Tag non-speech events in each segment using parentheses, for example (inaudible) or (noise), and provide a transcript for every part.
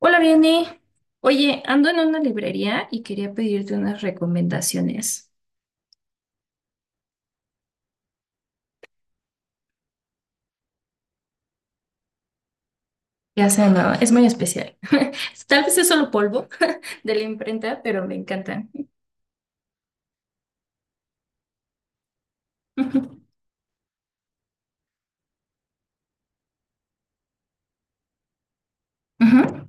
Hola, Vianney. Oye, ando en una librería y quería pedirte unas recomendaciones. Ya sé, no, es muy especial. (laughs) Tal vez es solo polvo (laughs) de la imprenta, pero me encanta. (laughs) Ujú. Ujú.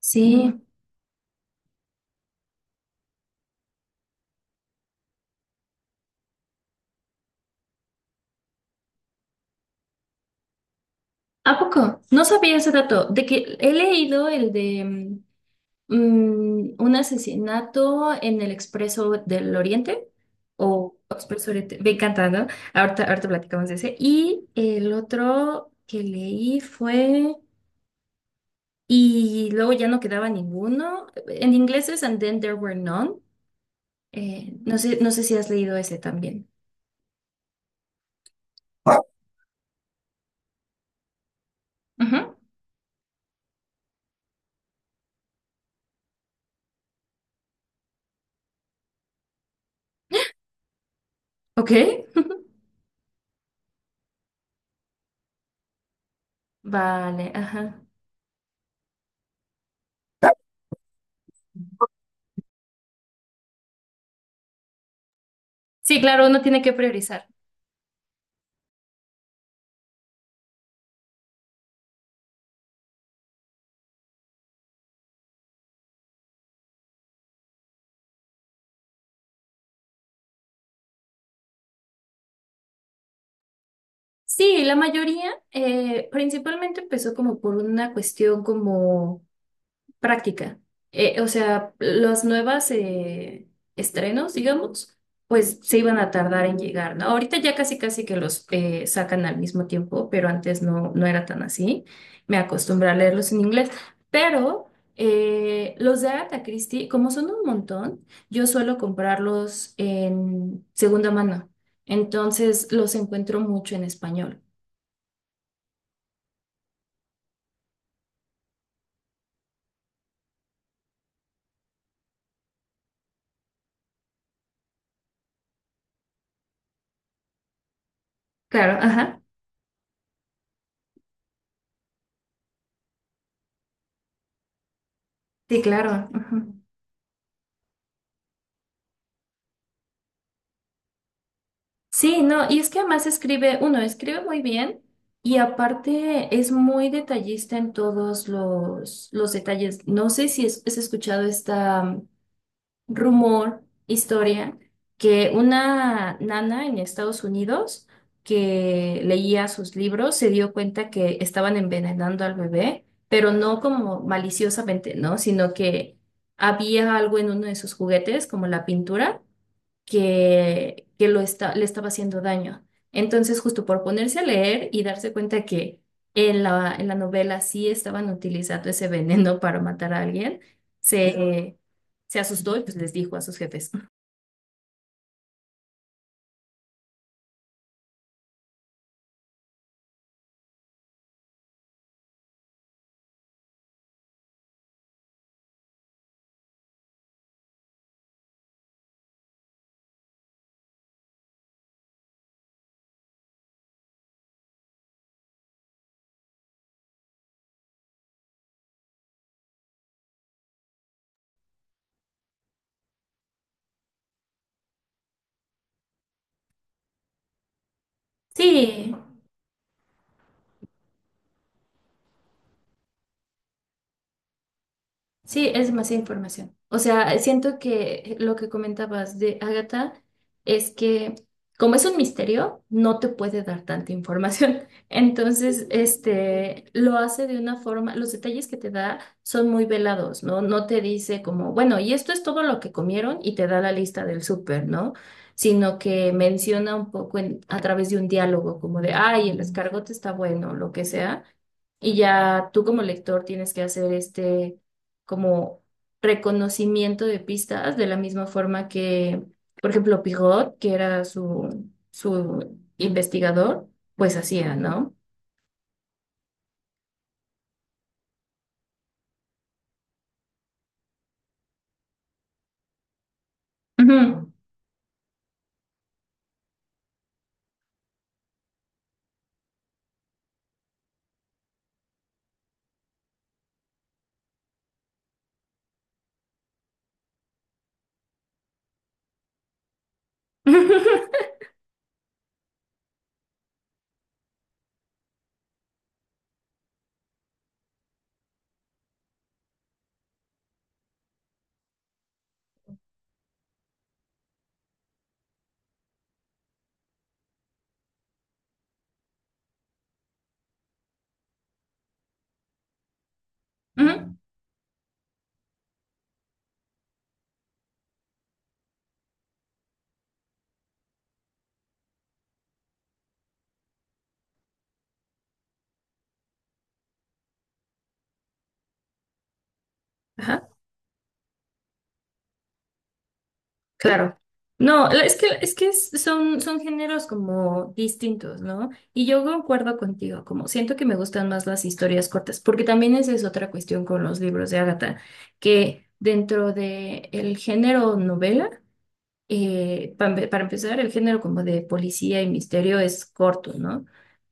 Sí. ¿A poco? No sabía ese dato, de que he leído el de un asesinato en el Expreso del Oriente o Expreso Oriente. Me encanta, ¿no? Ahorita, ahorita platicamos de ese. Y el otro que leí fue. Y luego ya no quedaba ninguno. En inglés es And Then There Were None. No sé, no sé si has leído ese también. Ujú. ¿Ok? (laughs) Vale, ajá. Sí, claro, uno tiene que priorizar. Sí, la mayoría principalmente empezó como por una cuestión como... práctica. O sea, las nuevas estrenos, digamos, pues se iban a tardar en llegar, ¿no? Ahorita ya casi casi que los sacan al mismo tiempo, pero antes no, no era tan así. Me acostumbré a leerlos en inglés, pero los de Agatha Christie, como son un montón, yo suelo comprarlos en segunda mano. Entonces los encuentro mucho en español. Claro, ajá. Sí, claro, ajá. Sí, no, y es que además escribe, uno, escribe muy bien y aparte es muy detallista en todos los detalles. No sé si es- has escuchado esta rumor, historia, que una nana en Estados Unidos que leía sus libros se dio cuenta que estaban envenenando al bebé, pero no como maliciosamente, ¿no? Sino que había algo en uno de sus juguetes, como la pintura, que lo está, le estaba haciendo daño. Entonces, justo por ponerse a leer y darse cuenta que en la novela sí estaban utilizando ese veneno para matar a alguien, se, se asustó y pues les dijo a sus jefes. Sí, sí, es demasiada información. O sea, siento que lo que comentabas de Agatha es que como es un misterio, no te puede dar tanta información. (laughs) Entonces, este, lo hace de una forma, los detalles que te da son muy velados, ¿no? No te dice como, bueno, y esto es todo lo que comieron y te da la lista del súper, ¿no? Sino que menciona un poco en- a través de un diálogo, como de, ay, el escargote está bueno, lo que sea. Y ya tú como lector tienes que hacer este como reconocimiento de pistas, de la misma forma que, por ejemplo, Pigot, que era su, su investigador, pues hacía, ¿no? Ujú. (laughs) Ujú. Ajá, claro. No, la- es que, es que es- son, son géneros como distintos, ¿no? Y yo concuerdo contigo, como siento que me gustan más las historias cortas, porque también esa es otra cuestión con los libros de Agatha, que dentro de el género novela, pa- para empezar, el género como de policía y misterio es corto, ¿no?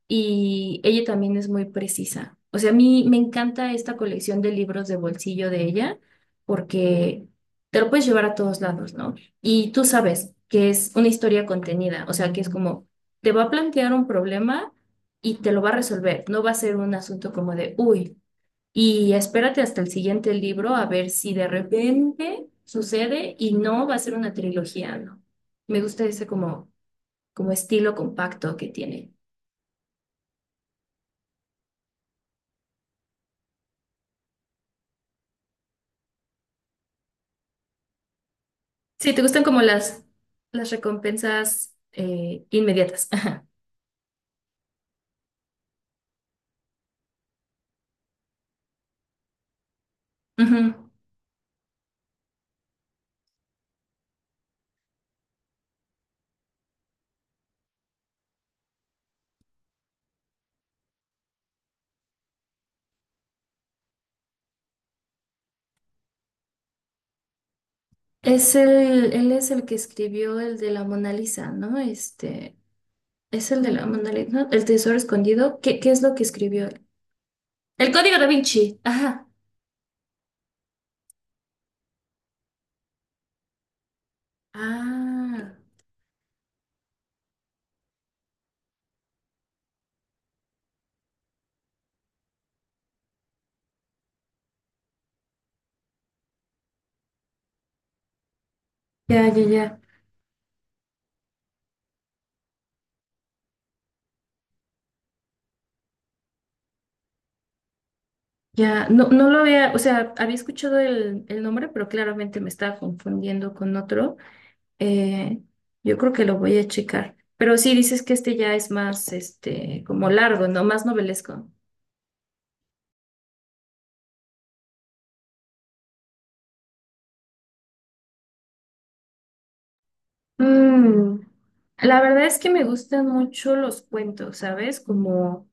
Y ella también es muy precisa. O sea, a mí me encanta esta colección de libros de bolsillo de ella porque te lo puedes llevar a todos lados, ¿no? Y tú sabes que es una historia contenida, o sea, que es como, te va a plantear un problema y te lo va a resolver. No va a ser un asunto como de, uy. Y espérate hasta el siguiente libro a ver si de repente sucede y no va a ser una trilogía, ¿no? Me gusta ese como, como estilo compacto que tiene. Sí, te gustan como las recompensas inmediatas. (laughs) Ujú. Es el, él es el que escribió el de la Mona Lisa, ¿no? Este, es el de la Mona Lisa, ¿no? El tesoro escondido. ¿Qué, qué es lo que escribió él? El código da Vinci. Ajá. Ah, ya, ya, ya. Ya, no, no lo había, o sea, había escuchado el nombre, pero claramente me estaba confundiendo con otro. Eh, yo creo que lo voy a checar. Pero sí dices que este ya es más, este, como largo, ¿no? Más novelesco. Mm, La verdad es que me gustan mucho los cuentos, ¿sabes? Como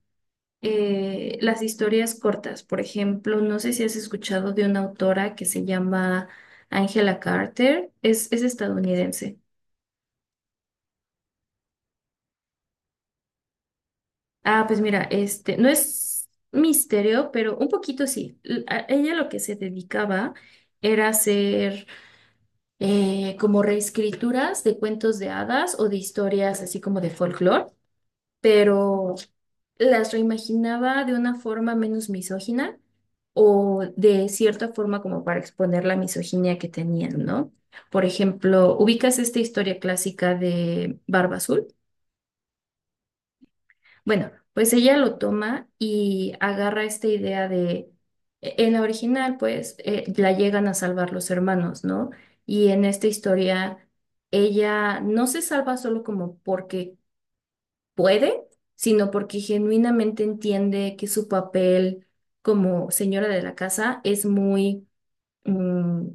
las historias cortas. Por ejemplo, no sé si has escuchado de una autora que se llama Angela Carter. Es estadounidense. Ah, pues mira, este, no es misterio, pero un poquito sí. L- a ella lo que se dedicaba era hacer como reescrituras de cuentos de hadas o de historias así como de folclore, pero las reimaginaba de una forma menos misógina o de cierta forma como para exponer la misoginia que tenían, ¿no? Por ejemplo, ubicas esta historia clásica de Barba Azul. Bueno, pues ella lo toma y agarra esta idea de, e- en la original, pues, la llegan a salvar los hermanos, ¿no? Y en esta historia, ella no se salva solo como porque puede, sino porque genuinamente entiende que su papel como señora de la casa es muy, mm,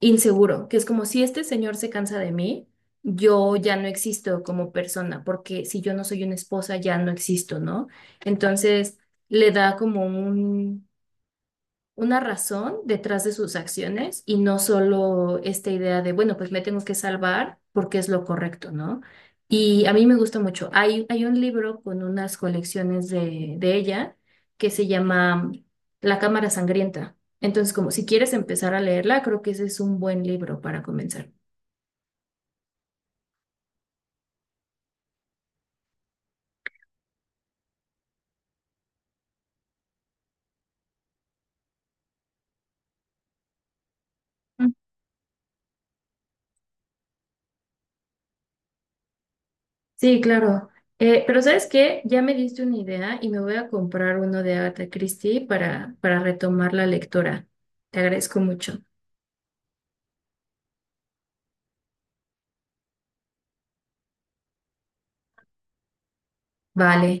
inseguro, que es como si este señor se cansa de mí, yo ya no existo como persona, porque si yo no soy una esposa, ya no existo, ¿no? Entonces le da como un, una razón detrás de sus acciones y no solo esta idea de, bueno, pues me tengo que salvar porque es lo correcto, ¿no? Y a mí me gusta mucho. Hay un libro con unas colecciones de ella que se llama La Cámara Sangrienta. Entonces, como si quieres empezar a leerla, creo que ese es un buen libro para comenzar. Mm. Sí, claro. Pero ¿sabes qué? Ya me diste una idea y me voy a comprar uno de Agatha Christie para retomar la lectura. Te agradezco mucho. Vale.